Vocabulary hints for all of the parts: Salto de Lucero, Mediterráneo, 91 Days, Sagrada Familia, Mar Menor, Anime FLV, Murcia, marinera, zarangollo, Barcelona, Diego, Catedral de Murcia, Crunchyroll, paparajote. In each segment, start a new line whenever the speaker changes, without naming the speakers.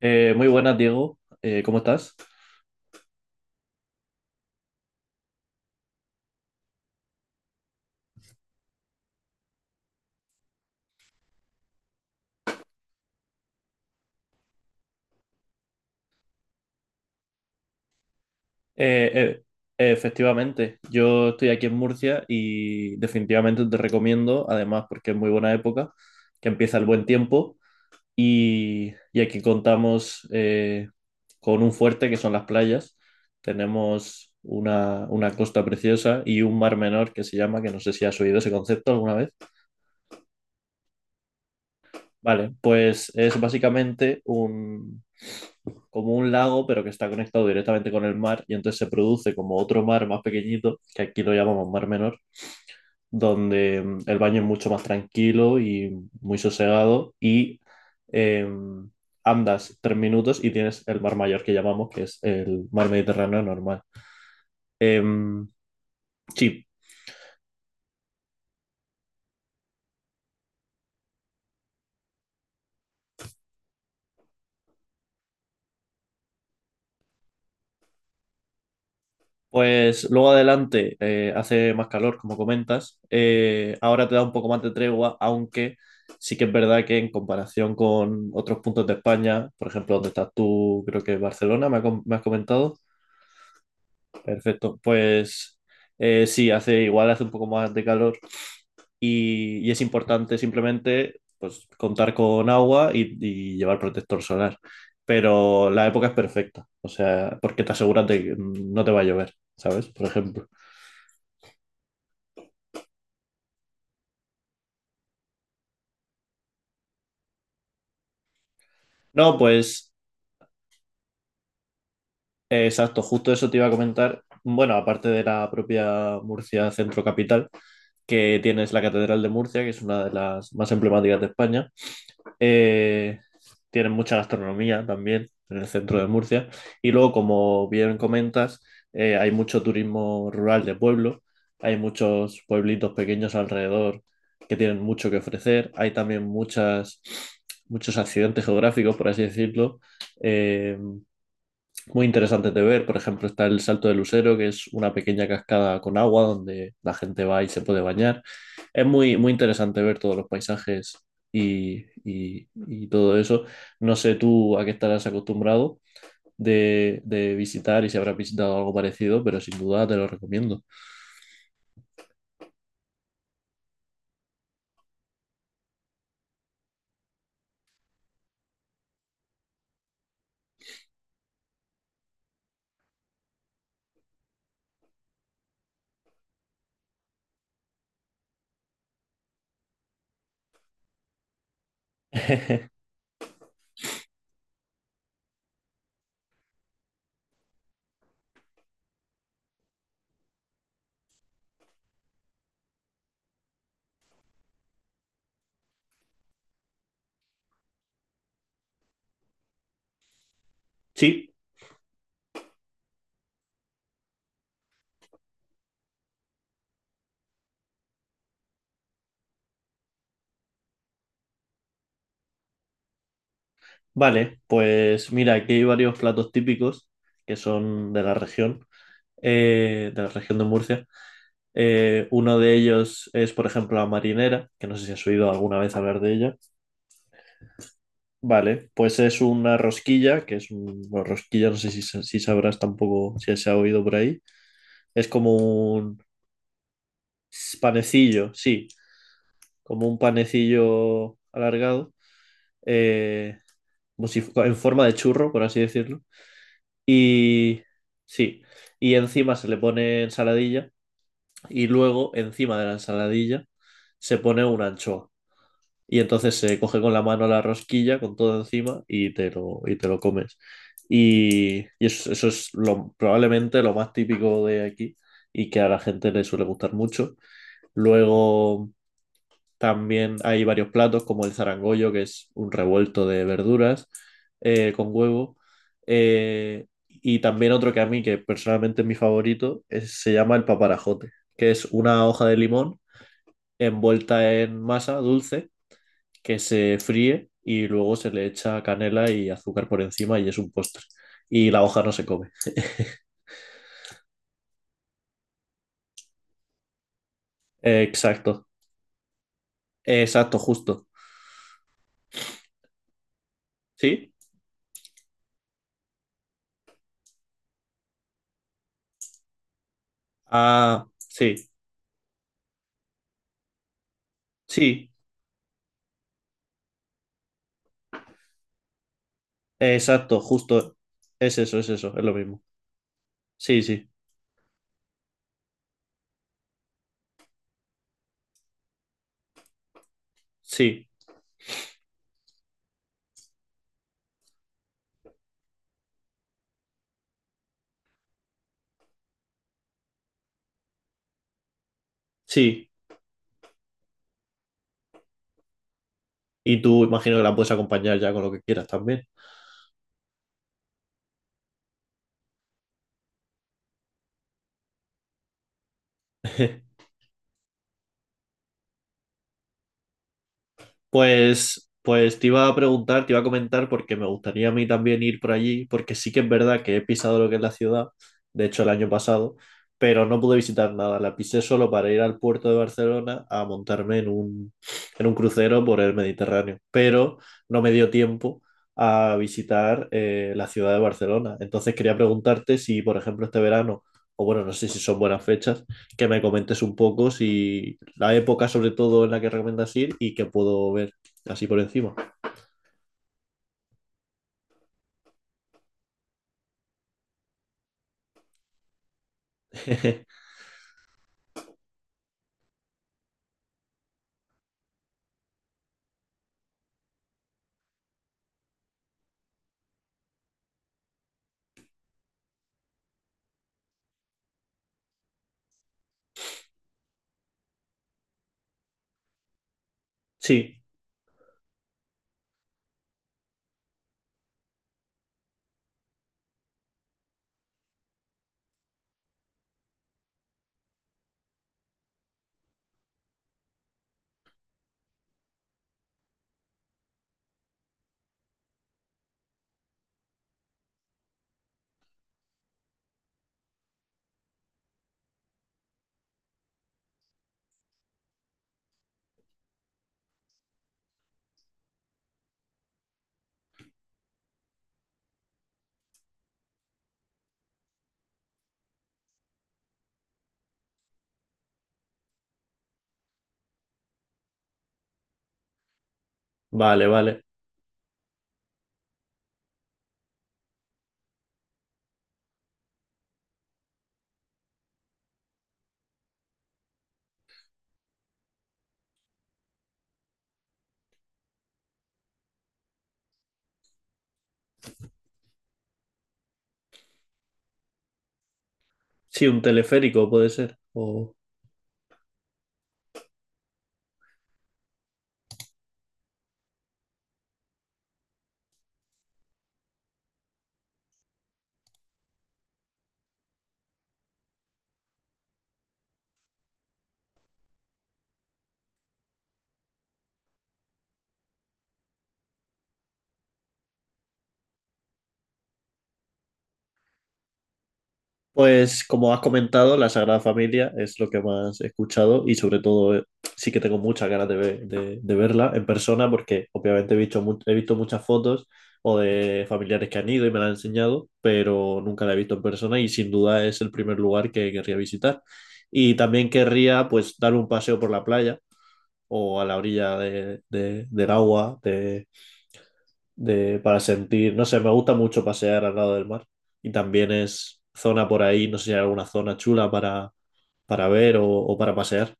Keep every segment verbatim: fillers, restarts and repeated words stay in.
Eh, muy buenas, Diego. Eh, ¿cómo estás? Eh, eh, Efectivamente, yo estoy aquí en Murcia y definitivamente te recomiendo, además porque es muy buena época, que empieza el buen tiempo y, y aquí contamos eh, con un fuerte que son las playas. Tenemos una, una costa preciosa y un mar menor que se llama, que no sé si has oído ese concepto alguna vez. Vale, pues es básicamente un, como un lago, pero que está conectado directamente con el mar, y entonces se produce como otro mar más pequeñito, que aquí lo llamamos mar menor, donde mm, el baño es mucho más tranquilo y muy sosegado, y eh, andas tres minutos y tienes el mar mayor que llamamos, que es el mar Mediterráneo normal. Eh, sí. Pues luego adelante eh, hace más calor, como comentas. Eh, ahora te da un poco más de tregua, aunque sí que es verdad que en comparación con otros puntos de España, por ejemplo, donde estás tú, creo que es Barcelona, me, ha com- me has comentado. Perfecto. Pues eh, sí, hace igual, hace un poco más de calor y, y es importante simplemente pues, contar con agua y, y llevar protector solar. Pero la época es perfecta, o sea, porque te aseguras de que no te va a llover, ¿sabes? Por ejemplo. No, pues eh, exacto, justo eso te iba a comentar. Bueno, aparte de la propia Murcia Centro Capital, que tienes la Catedral de Murcia, que es una de las más emblemáticas de España, eh, tienen mucha gastronomía también en el centro de Murcia. Y luego, como bien comentas, eh, hay mucho turismo rural de pueblo, hay muchos pueblitos pequeños alrededor que tienen mucho que ofrecer, hay también muchas, muchos accidentes geográficos, por así decirlo. em, Muy interesantes de ver. Por ejemplo, está el Salto de Lucero, que es una pequeña cascada con agua donde la gente va y se puede bañar. Es muy, muy interesante ver todos los paisajes y, y- y todo eso. No sé tú a qué estarás acostumbrado de, de visitar y si habrás visitado algo parecido, pero sin duda te lo recomiendo. Sí, vale. Pues mira, aquí hay varios platos típicos que son de la región, eh, de la región de Murcia. Eh, uno de ellos es, por ejemplo, la marinera, que no sé si has oído alguna vez hablar de ella. Vale, pues es una rosquilla, que es un, bueno, rosquilla, no sé si, sa- si sabrás tampoco si se ha oído por ahí. Es como un panecillo, sí, como un panecillo alargado, eh, como si fu- en forma de churro, por así decirlo. Y sí, y encima se le pone ensaladilla y luego encima de la ensaladilla se pone una anchoa. Y entonces se coge con la mano la rosquilla con todo encima y te lo, y te lo comes. Y, y eso, eso es lo, probablemente lo más típico de aquí y que a la gente le suele gustar mucho. Luego también hay varios platos como el zarangollo, que es un revuelto de verduras eh, con huevo. Eh, y también otro que a mí, que personalmente es mi favorito, es- se llama el paparajote, que es una hoja de limón envuelta en masa dulce que se fríe y luego se le echa canela y azúcar por encima y es un postre. Y la hoja no se come. Eh, exacto, exacto, justo. ¿Sí? Ah, sí, sí, exacto, justo. Es eso, es eso, es lo mismo. Sí, sí, sí, sí. Y tú imagino que la puedes acompañar ya con lo que quieras también. Pues, pues te iba a preguntar, te iba a comentar porque me gustaría a mí también ir por allí, porque sí que es verdad que he pisado lo que es la ciudad, de hecho el año pasado, pero no pude visitar nada, la pisé solo para ir al puerto de Barcelona a montarme en un, en un crucero por el Mediterráneo, pero no me dio tiempo a visitar eh, la ciudad de Barcelona. Entonces quería preguntarte si, por ejemplo, este verano, o bueno, no sé si son buenas fechas, que me comentes un poco si la época sobre todo en la que recomiendas ir y que puedo ver así por encima. Sí, vale, vale. Sí, un teleférico puede ser. O... Pues como has comentado, la Sagrada Familia es lo que más he escuchado y sobre todo eh, sí que tengo muchas ganas de, ver- de- de verla en persona porque obviamente he visto, mu- he visto muchas fotos o de familiares que han ido y me la han enseñado, pero nunca la he visto en persona y sin duda es el primer lugar que querría visitar. Y también querría pues dar un paseo por la playa o a la orilla de- de- del agua, de, de, para sentir, no sé, me gusta mucho pasear al lado del mar y también es zona por ahí, no sé si hay alguna zona chula para, para ver o, o para pasear.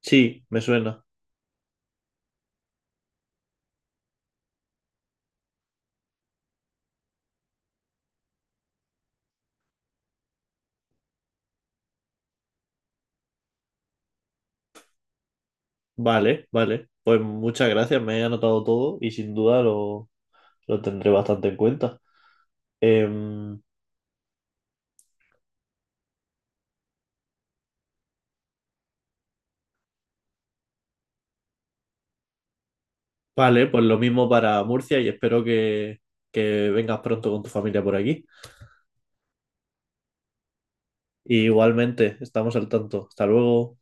Sí, me suena. Vale, vale. Pues muchas gracias, me he anotado todo y sin duda lo, lo tendré bastante en cuenta. Em, vale, pues lo mismo para Murcia y espero que, que vengas pronto con tu familia por aquí. Igualmente, estamos al tanto. Hasta luego.